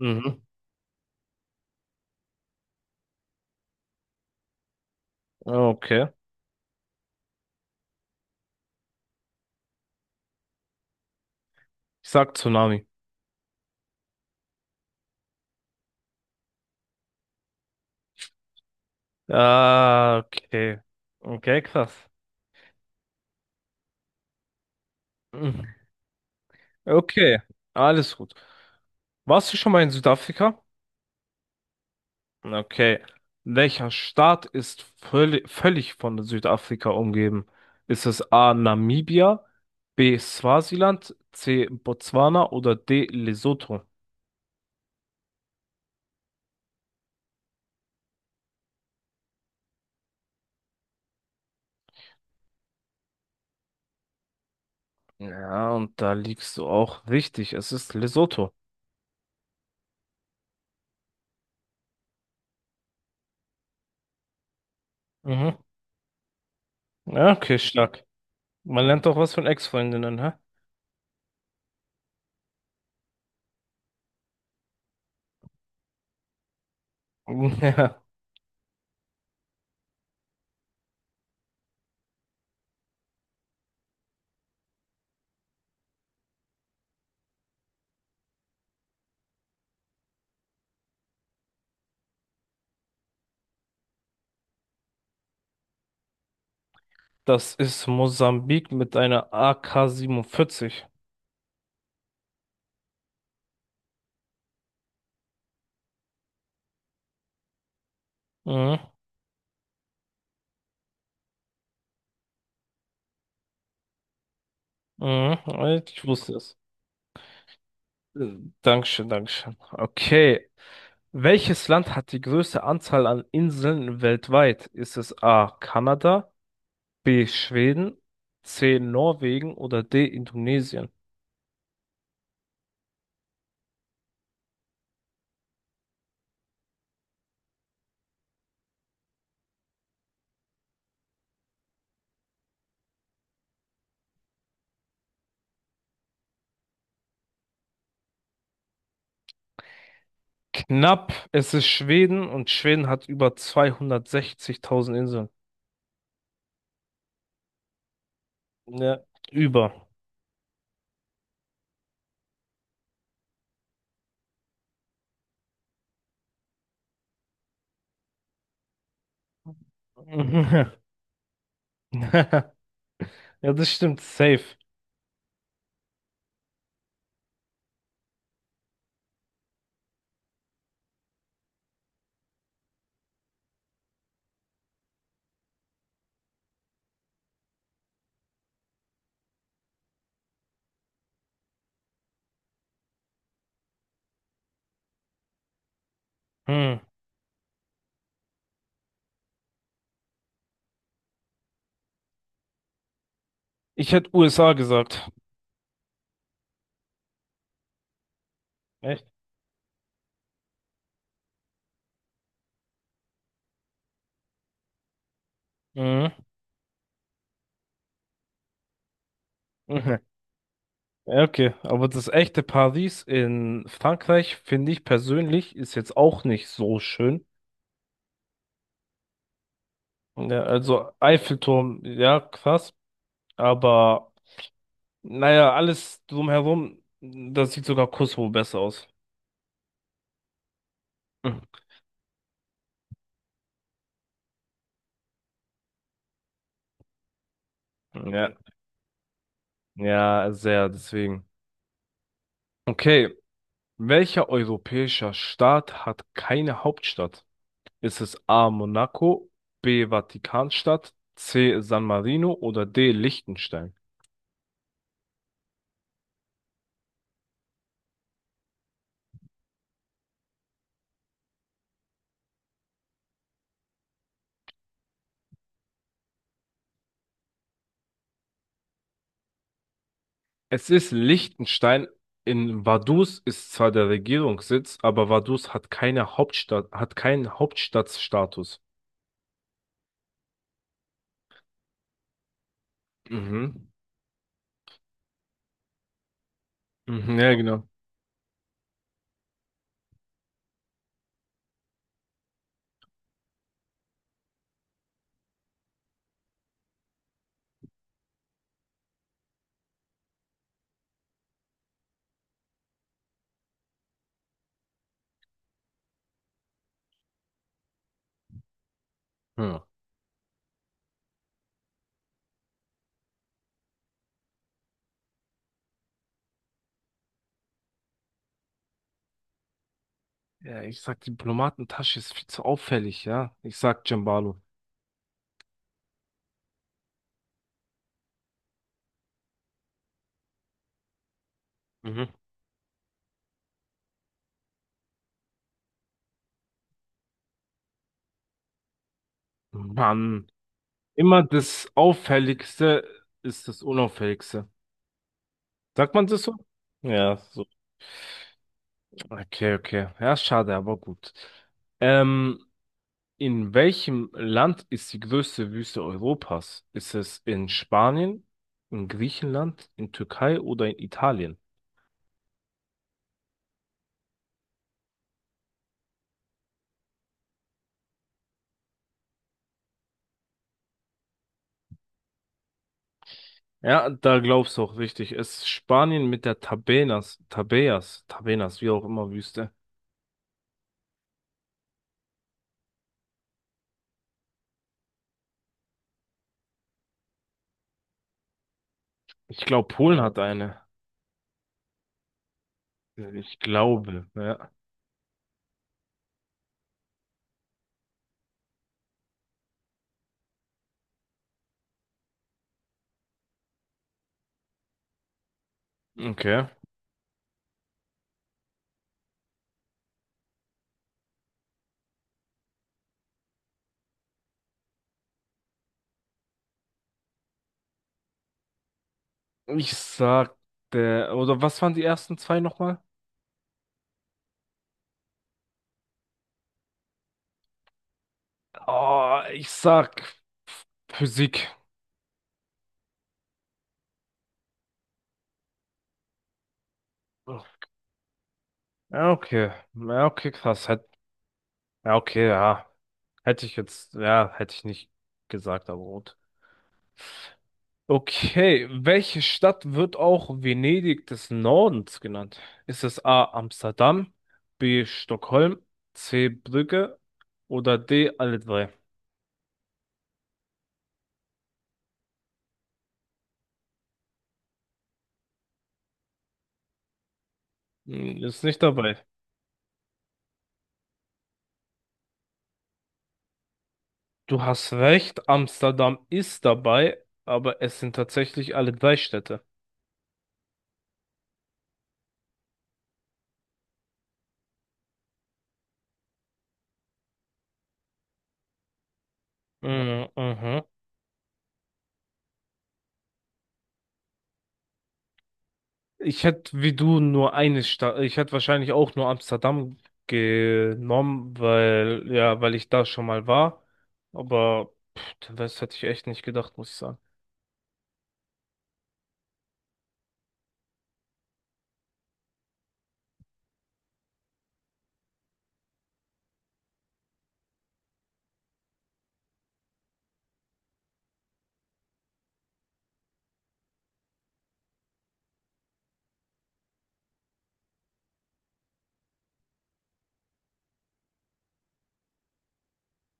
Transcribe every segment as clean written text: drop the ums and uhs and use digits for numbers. Mhm. Okay. Ich sag Tsunami. Ah, okay. Okay, krass. Mhm. Okay, alles gut. Warst du schon mal in Südafrika? Okay. Welcher Staat ist völlig, völlig von Südafrika umgeben? Ist es A. Namibia, B. Swasiland, C. Botswana oder D. Lesotho? Ja, und da liegst du auch richtig. Es ist Lesotho. Mhm. Ja, okay, stark. Man lernt doch was von Ex-Freundinnen, hä? Ja, das ist Mosambik mit einer AK-47. Mhm. Mhm. Ich wusste es. Äh, Dankeschön, Dankeschön. Okay. Welches Land hat die größte Anzahl an Inseln weltweit? Ist es A. Kanada, B. Schweden, C. Norwegen oder D. Indonesien? Knapp, es ist Schweden und Schweden hat über 260.000 Inseln. Ja, über. Ja, das stimmt, safe. Hm. Ich hätte USA gesagt. Echt? Mhm. Mhm. Ja, okay, aber das echte Paris in Frankreich, finde ich persönlich, ist jetzt auch nicht so schön. Ja, also Eiffelturm, ja, krass, aber naja, alles drumherum, das sieht sogar Kosovo besser aus. Mhm. Ja, ja, sehr, deswegen. Okay, welcher europäischer Staat hat keine Hauptstadt? Ist es A. Monaco, B. Vatikanstadt, C. San Marino oder D. Liechtenstein? Es ist Liechtenstein. In Vaduz ist zwar der Regierungssitz, aber Vaduz hat keine Hauptstadt, hat keinen Hauptstadtstatus. Mhm. Mhm, ja, genau. Ja. Ja, ich sag, Diplomatentasche ist viel zu auffällig, ja. Ich sag Cembalo. Mhm. Mann. Immer das Auffälligste ist das Unauffälligste. Sagt man das so? Ja, so. Okay, okay. Ja, schade, aber gut. Ähm, in welchem Land ist die größte Wüste Europas? Ist es in Spanien, in Griechenland, in Türkei oder in Italien? Ja, da glaubst du auch richtig. Es ist Spanien mit der Tabenas, Tabeas, Tabenas, wie auch immer Wüste. Ich glaube, Polen hat eine. Ich glaube, ja. Okay. Ich sag, oder was waren die ersten zwei nochmal? Oh, ich sag Physik. Oh. Ja, okay. Ja, okay, krass. Hätt, ja, okay, ja. Hätte ich jetzt, ja, hätte ich nicht gesagt, aber gut. Okay, welche Stadt wird auch Venedig des Nordens genannt? Ist es A. Amsterdam, B. Stockholm, C. Brügge oder D. alle drei? Hm, ist nicht dabei. Du hast recht, Amsterdam ist dabei, aber es sind tatsächlich alle drei Städte. Mhm, mhm. Ich hätte wie du nur eine Stadt, ich hätte wahrscheinlich auch nur Amsterdam genommen, weil, ja, weil ich da schon mal war. Aber pff, den Rest hätte ich echt nicht gedacht, muss ich sagen.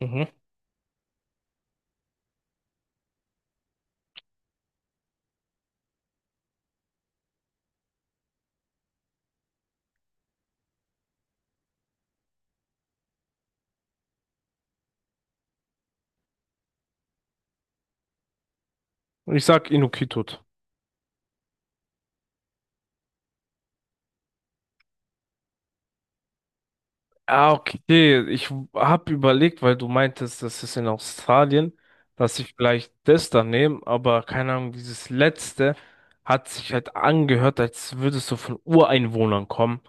Mhm. Ich sag Inukjuat. Ah, okay. Ich habe überlegt, weil du meintest, das ist in Australien, dass ich vielleicht das dann nehme, aber keine Ahnung, dieses letzte hat sich halt angehört, als würdest du von Ureinwohnern kommen.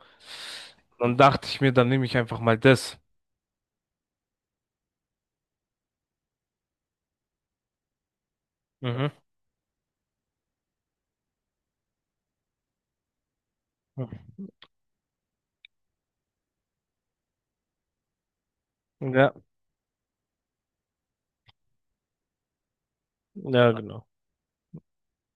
Dann dachte ich mir, dann nehme ich einfach mal das. Mhm. Ja, ja, genau.